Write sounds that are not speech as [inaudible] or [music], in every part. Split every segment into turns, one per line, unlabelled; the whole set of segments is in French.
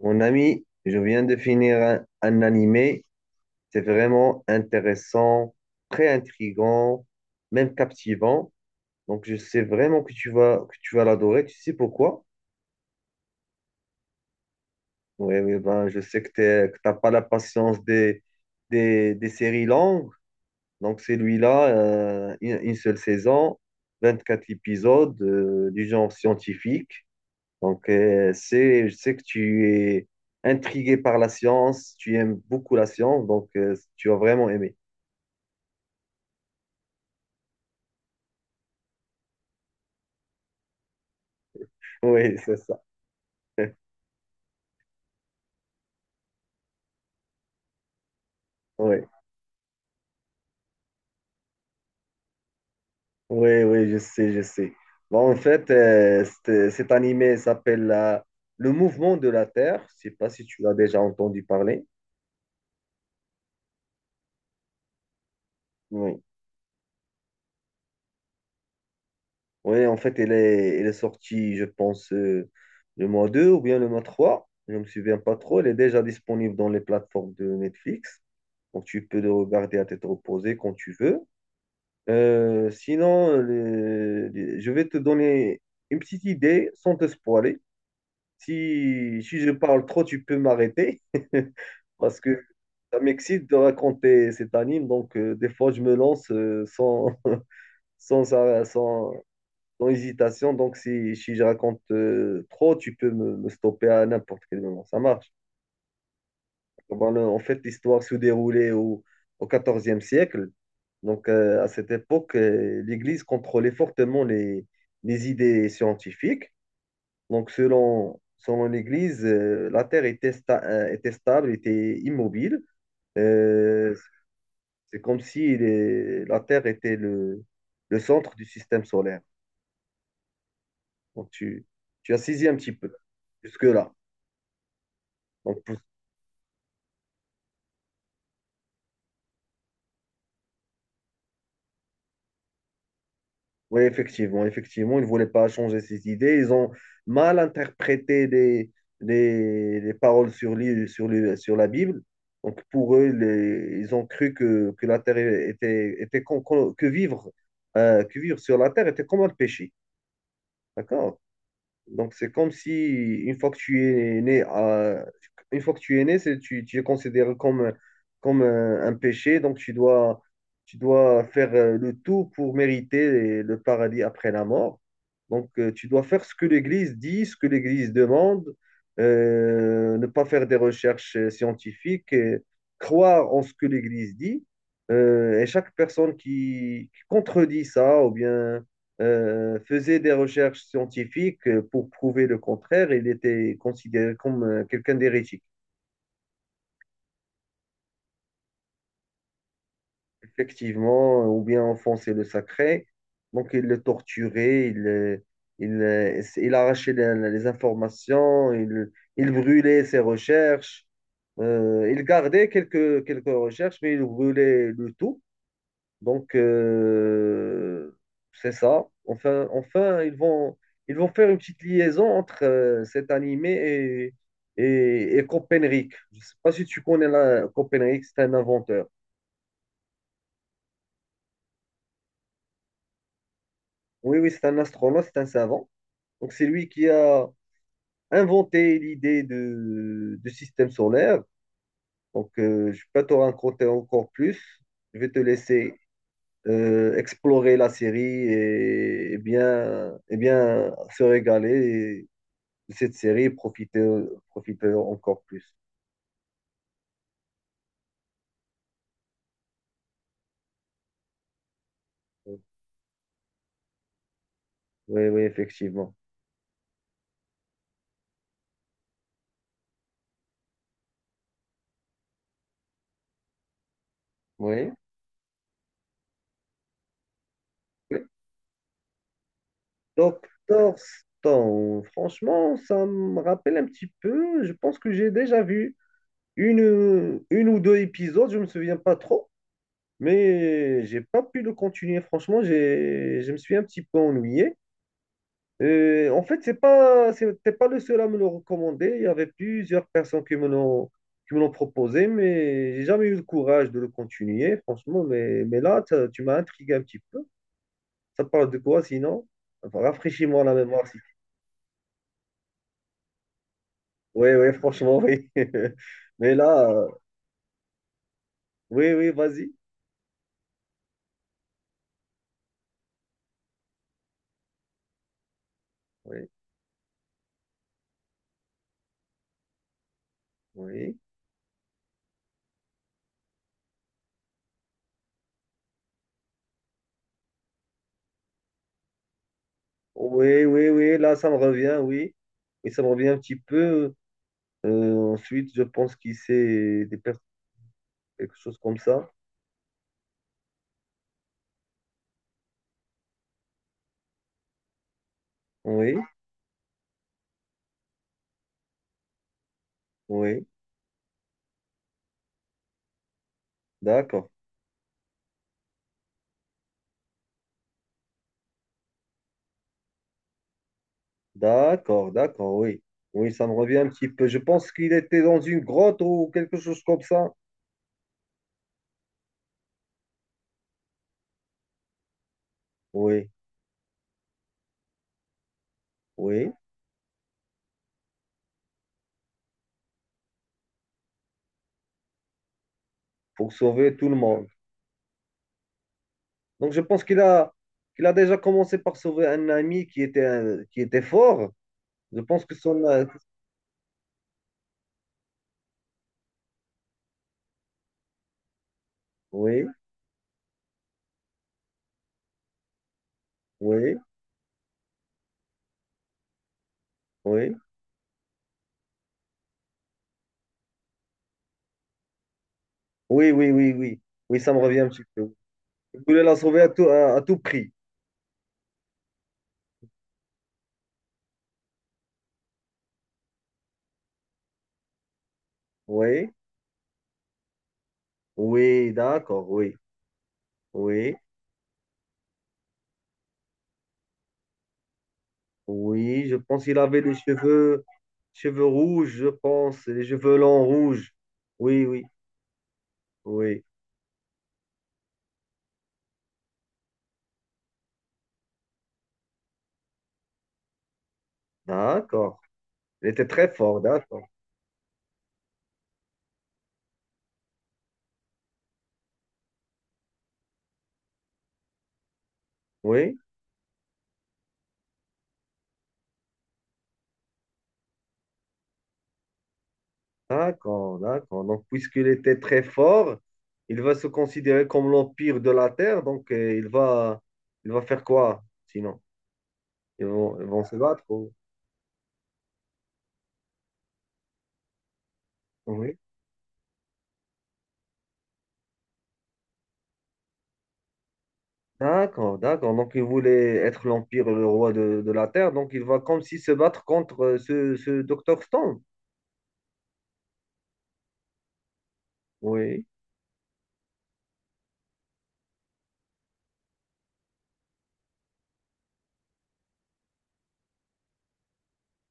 Mon ami, je viens de finir un animé. C'est vraiment intéressant, très intrigant, même captivant. Donc, je sais vraiment que tu vas l'adorer. Tu sais pourquoi? Oui, oui, ben, je sais que tu n'as pas la patience des séries longues. Donc, celui-là, une seule saison, 24 épisodes, du genre scientifique. Donc, je sais que tu es intrigué par la science, tu aimes beaucoup la science, donc tu as vraiment aimé. [laughs] Oui, c'est ça. [laughs] Oui, oui, oui, je sais, je sais. Bon, en fait, cet animé s'appelle Le Mouvement de la Terre. Je sais pas si tu l'as déjà entendu parler. Oui, oui, en fait, elle est sortie, je pense, le mois 2 ou bien le mois trois. Je ne me souviens pas trop. Elle est déjà disponible dans les plateformes de Netflix. Donc, tu peux le regarder à tête reposée quand tu veux. Sinon, je vais te donner une petite idée sans te spoiler. Si je parle trop, tu peux m'arrêter. [laughs] Parce que ça m'excite de raconter cet anime. Donc, des fois, je me lance sans, [laughs] sans, ça- sans, sans hésitation. Donc, si je raconte trop, tu peux me stopper à n'importe quel moment. Ça marche. Ben, en fait, l'histoire se déroulait au 14e siècle. Donc, à cette époque, l'Église contrôlait fortement les idées scientifiques. Donc, selon l'Église, la Terre était, était stable, était immobile. Euh, c'est comme si la Terre était le centre du système solaire. Donc, tu as saisi un petit peu jusque-là. Donc, oui, effectivement, effectivement, ils ne voulaient pas changer ses idées. Ils ont mal interprété les paroles sur, l'île- sur, le- sur la Bible. Donc, pour eux, ils ont cru que la terre était, était con- con- que vivre sur la terre était comme un péché. D'accord? Donc, c'est comme si, une fois que tu es né, tu es considéré comme un péché. Donc, tu dois faire le tout pour mériter le paradis après la mort. Donc, tu dois faire ce que l'Église dit, ce que l'Église demande, ne pas faire des recherches scientifiques, et croire en ce que l'Église dit. Et chaque personne qui contredit ça, ou bien faisait des recherches scientifiques pour prouver le contraire, il était considéré comme quelqu'un d'hérétique. Effectivement, ou bien enfoncer le sacré. Donc, il le torturait, il arrachait les informations, il brûlait ses recherches. Il gardait quelques recherches, mais il brûlait le tout. Donc, c'est ça. Enfin ils vont faire une petite liaison entre cet animé et Copernic. Je ne sais pas si tu connais Copernic, c'est un inventeur. Oui, oui, c'est un astronaute, c'est un savant. Donc, c'est lui qui a inventé l'idée de système solaire. Donc, je peux te raconter encore plus. Je vais te laisser explorer la série et bien se régaler de cette série et profiter encore plus. Oui, oui, effectivement. Oui. Oui. Doctor Stone, franchement, ça me rappelle un petit peu. Je pense que j'ai déjà vu une ou deux épisodes, je me souviens pas trop, mais j'ai pas pu le continuer. Franchement, je me suis un petit peu ennuyé. En fait, c'était pas le seul à me le recommander. Il y avait plusieurs personnes qui me l'ont proposé, mais j'ai jamais eu le courage de le continuer, franchement. Mais là, tu m'as intrigué un petit peu. Ça parle de quoi sinon? Enfin, rafraîchis-moi la mémoire. Si... Oui, oui, franchement, oui. [laughs] Mais là, oui, oui, vas-y. Oui, oui. Oui, oui, oui, là, ça me revient, oui. Et ça me revient un petit peu. Ensuite, je pense qu'il c'est des pers- quelque chose comme ça. Oui, oui. D'accord, d'accord, d'accord, oui. Oui, ça me revient un petit peu. Je pense qu'il était dans une grotte ou quelque chose comme ça. Oui, oui, pour sauver tout le monde. Donc, je pense qu'il a déjà commencé par sauver un ami qui était, qui était fort. Je pense que son... Oui, oui, oui. Oui, oui, oui, oui. Oui, ça me revient un petit peu. Il voulait la sauver à tout prix. Oui, oui, d'accord, oui, oui. Oui, je pense qu'il avait les cheveux, rouges, je pense, les cheveux longs rouges. Oui, oui, oui. D'accord. Il était très fort, d'accord. Oui, d'accord, d'accord. Donc, puisqu'il était très fort, il va se considérer comme l'empire de la Terre. Donc, il va faire quoi sinon? Ils vont se battre. Oui. D'accord, d'accord. Donc, il voulait être l'empire, le roi de la Terre. Donc, il va comme s'il se battre contre ce docteur Stone. Oui.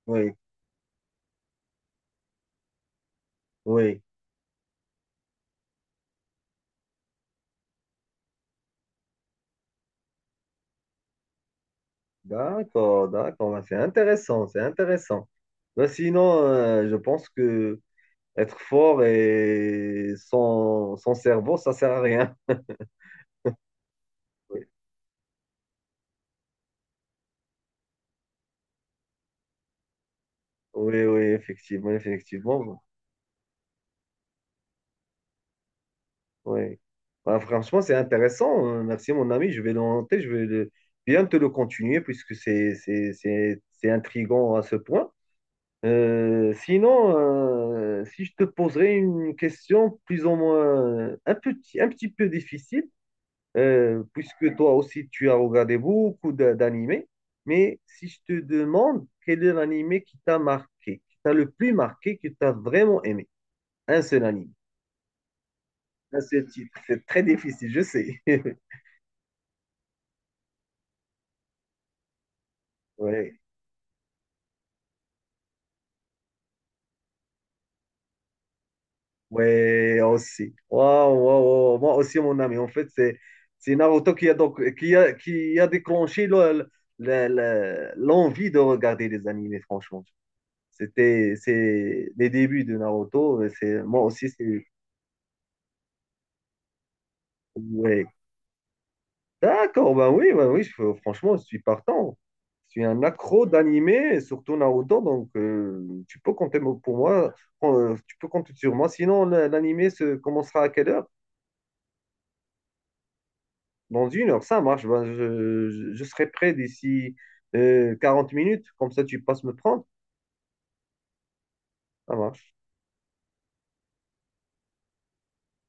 Oui, oui, d'accord, d'accord. Ben, c'est intéressant, c'est intéressant. Ben, sinon, je pense que être fort et sans cerveau, ça sert à rien. Oui, oui, oui, effectivement, effectivement. Oui. Ben, franchement, c'est intéressant. Merci, mon ami. Je vais le noter, bien te le continuer puisque c'est intriguant à ce point. Sinon, si je te poserais une question plus ou moins un petit peu difficile, puisque toi aussi tu as regardé beaucoup d'animés. Mais si je te demande quel est l'animé qui t'a marqué, qui t'a le plus marqué, que t'as vraiment aimé, un seul anime, un seul titre, c'est très difficile, je sais. [laughs] Ouais, ouais, aussi. Waouh, waouh, waouh. Moi aussi, mon ami. En fait, c'est Naruto qui a déclenché l'envie de regarder les animés. Franchement, c'est les débuts de Naruto. C'est moi aussi, c'est ouais. D'accord, ben oui, franchement, je suis partant. Je suis un accro d'animé, et surtout Naruto, donc tu peux compter sur moi. Sinon, l'animé se commencera à quelle heure? Dans une heure, ça marche. Ben, je serai prêt d'ici 40 minutes, comme ça tu passes me prendre. Ça marche.